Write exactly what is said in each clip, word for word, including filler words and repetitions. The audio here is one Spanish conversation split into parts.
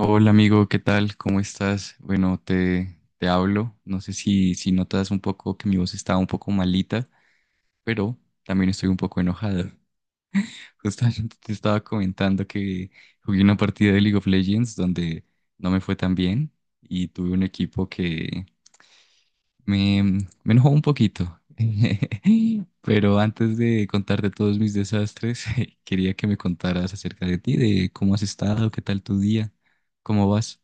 Hola amigo, ¿qué tal? ¿Cómo estás? Bueno, te, te hablo. No sé si, si notas un poco que mi voz está un poco malita, pero también estoy un poco enojado. Justamente te estaba comentando que jugué una partida de League of Legends donde no me fue tan bien y tuve un equipo que me, me enojó un poquito. Pero antes de contarte todos mis desastres, quería que me contaras acerca de ti, de cómo has estado, qué tal tu día, cómo vas.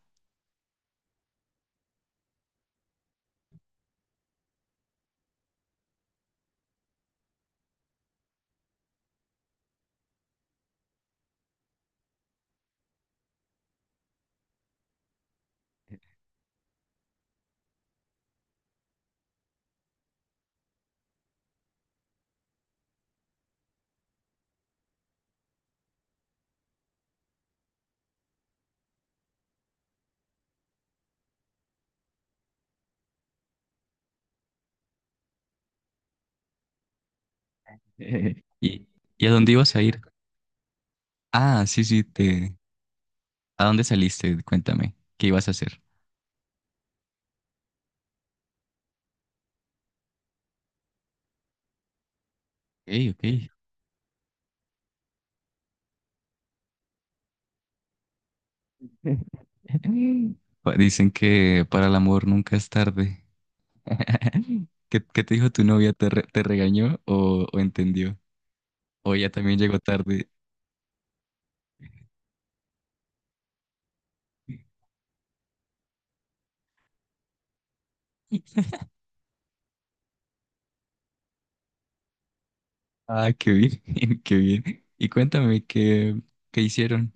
Eh, ¿Y, y a dónde ibas a ir? Ah, sí, sí, te... ¿A dónde saliste? Cuéntame, ¿qué ibas a hacer? Ok, ok. Pa- Dicen que para el amor nunca es tarde. ¿Qué, qué te dijo tu novia? ¿Te, re- Te regañó o, o entendió? O ella también llegó tarde. Ah, qué bien, qué bien. Y cuéntame qué, qué hicieron.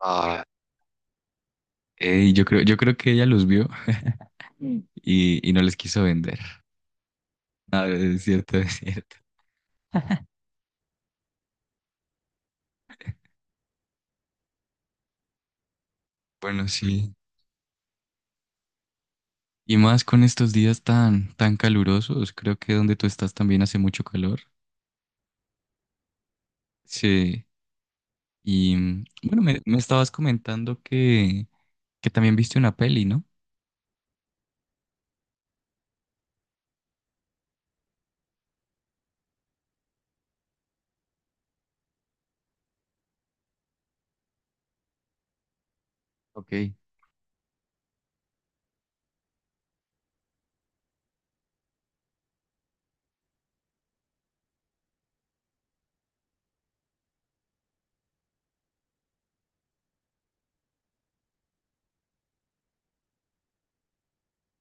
Ah, ey, yo creo, yo creo que ella los vio y, y no les quiso vender. Ah, es cierto, es cierto. Bueno, sí. Y más con estos días tan, tan calurosos, creo que donde tú estás también hace mucho calor. Sí, y mm, bueno, me, me estabas comentando que, que también viste una peli, ¿no? Ok.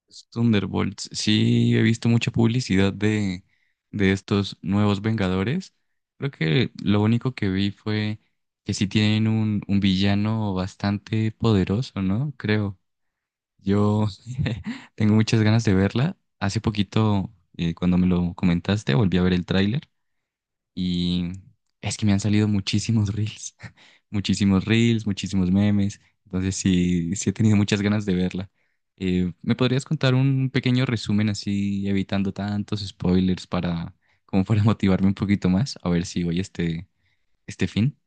Los Thunderbolts. Sí, he visto mucha publicidad de, de estos nuevos Vengadores. Creo que lo único que vi fue que sí tienen un, un villano bastante poderoso, ¿no? Creo. Yo tengo muchas ganas de verla. Hace poquito, eh, cuando me lo comentaste, volví a ver el tráiler y es que me han salido muchísimos reels, muchísimos reels, muchísimos memes. Entonces sí, sí he tenido muchas ganas de verla. Eh, ¿me podrías contar un pequeño resumen así, evitando tantos spoilers para, como para motivarme un poquito más? A ver si voy este, este fin.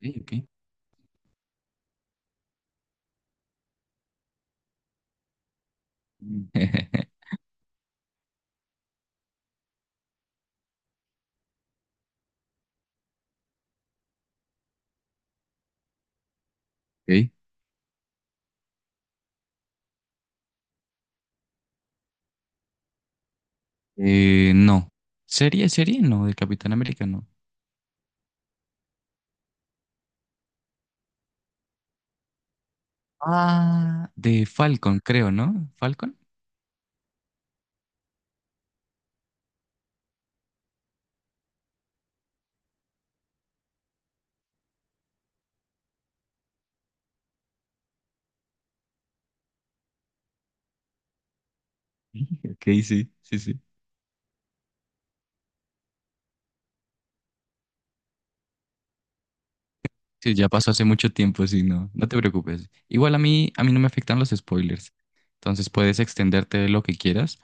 Sí, ok. Mm. Ok. Eh, no. ¿Serie, serie? No, de Capitán América, no. Ah, de Falcon, creo, ¿no? ¿Falcon? Ok, sí, sí, sí. Sí, ya pasó hace mucho tiempo, sí, no, no te preocupes. Igual a mí, a mí no me afectan los spoilers. Entonces puedes extenderte lo que quieras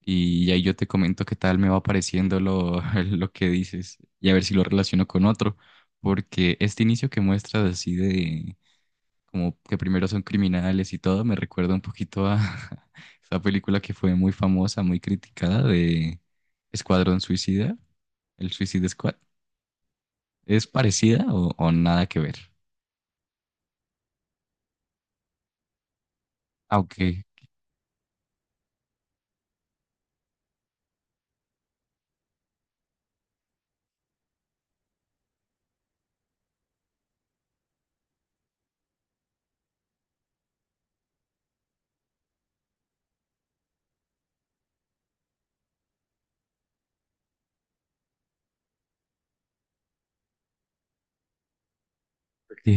y ahí yo te comento qué tal me va pareciendo lo, lo que dices y a ver si lo relaciono con otro. Porque este inicio que muestras así de como que primero son criminales y todo, me recuerda un poquito a esa película que fue muy famosa, muy criticada de Escuadrón Suicida, el Suicide Squad. ¿Es parecida o, o nada que ver? Ah, ok, ok.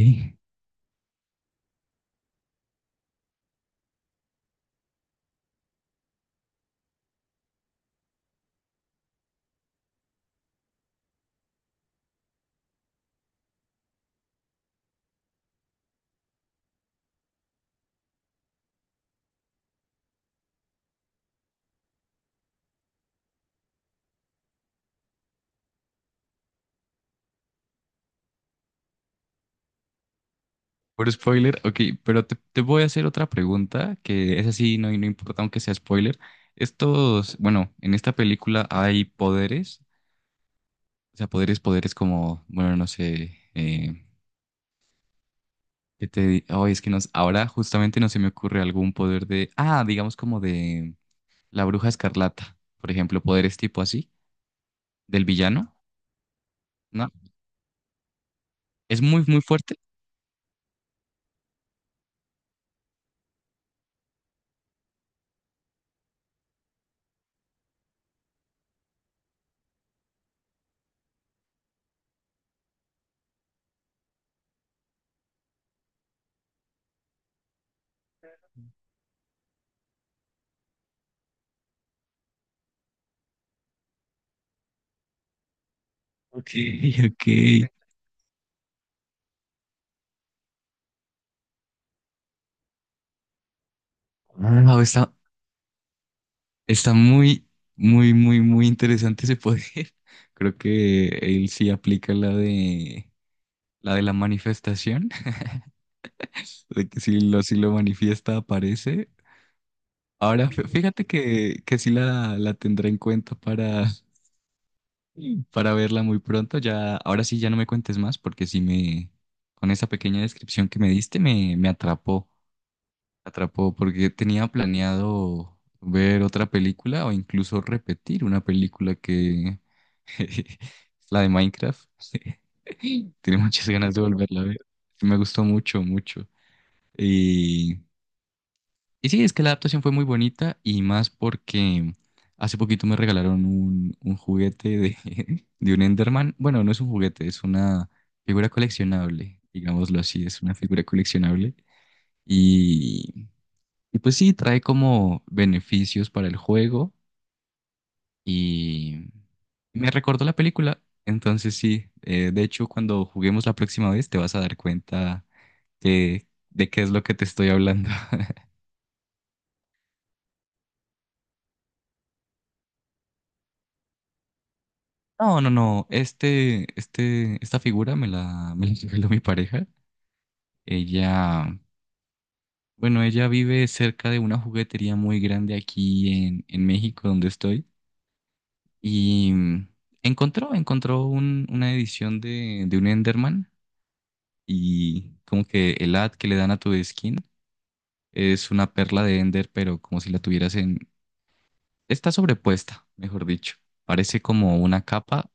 Por spoiler, ok, pero te, te voy a hacer otra pregunta, que es así, no, no importa aunque sea spoiler. Estos, bueno, en esta película hay poderes, o sea, poderes, poderes como, bueno, no sé, eh, ¿qué te di- Ay, es que nos, ahora justamente no se me ocurre algún poder de, ah, digamos como de la Bruja Escarlata, por ejemplo, poderes tipo así, del villano, ¿no? Es muy, muy fuerte. Ok, ok. Wow, está, está muy, muy, muy, muy interesante ese poder. Creo que él sí aplica la de la de la manifestación, de que si lo, si lo manifiesta aparece. Ahora, fí- fíjate que, que sí la, la tendré en cuenta para, para verla muy pronto. Ya, ahora sí ya no me cuentes más, porque sí me, con esa pequeña descripción que me diste, me, me atrapó. Atrapó porque tenía planeado ver otra película o incluso repetir una película que la de Minecraft. Tiene muchas ganas de volverla a ver. Sí, me gustó mucho, mucho. Y, y sí, es que la adaptación fue muy bonita y más porque hace poquito me regalaron un, un juguete de, de un Enderman. Bueno, no es un juguete, es una figura coleccionable, digámoslo así, es una figura coleccionable. Y y pues sí, trae como beneficios para el juego y me recordó la película. Entonces sí, eh, de hecho cuando juguemos la próxima vez te vas a dar cuenta que- de qué es lo que te estoy hablando. No, no, no, este, este, esta figura me la, me la regaló mi pareja. Ella, bueno, ella vive cerca de una juguetería muy grande aquí en, en México donde estoy y mm, encontró, encontró un- una edición de, de un Enderman y como que el ad que le dan a tu skin es una perla de Ender, pero como si la tuvieras en... Está sobrepuesta, mejor dicho. Parece como una capa.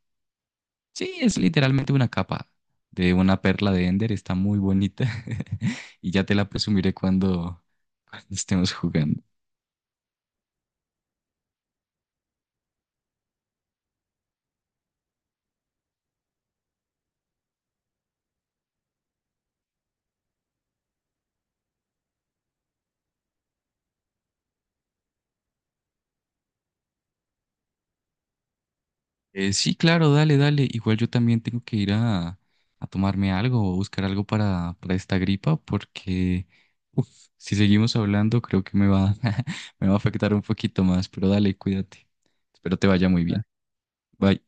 Sí, es literalmente una capa de una perla de Ender. Está muy bonita. Y ya te la presumiré cuando, cuando estemos jugando. Eh, sí, claro, dale, dale. Igual yo también tengo que ir a, a tomarme algo o buscar algo para, para esta gripa porque uf, si seguimos hablando creo que me va, me va a afectar un poquito más, pero dale, cuídate. Espero te vaya muy bien. Bye.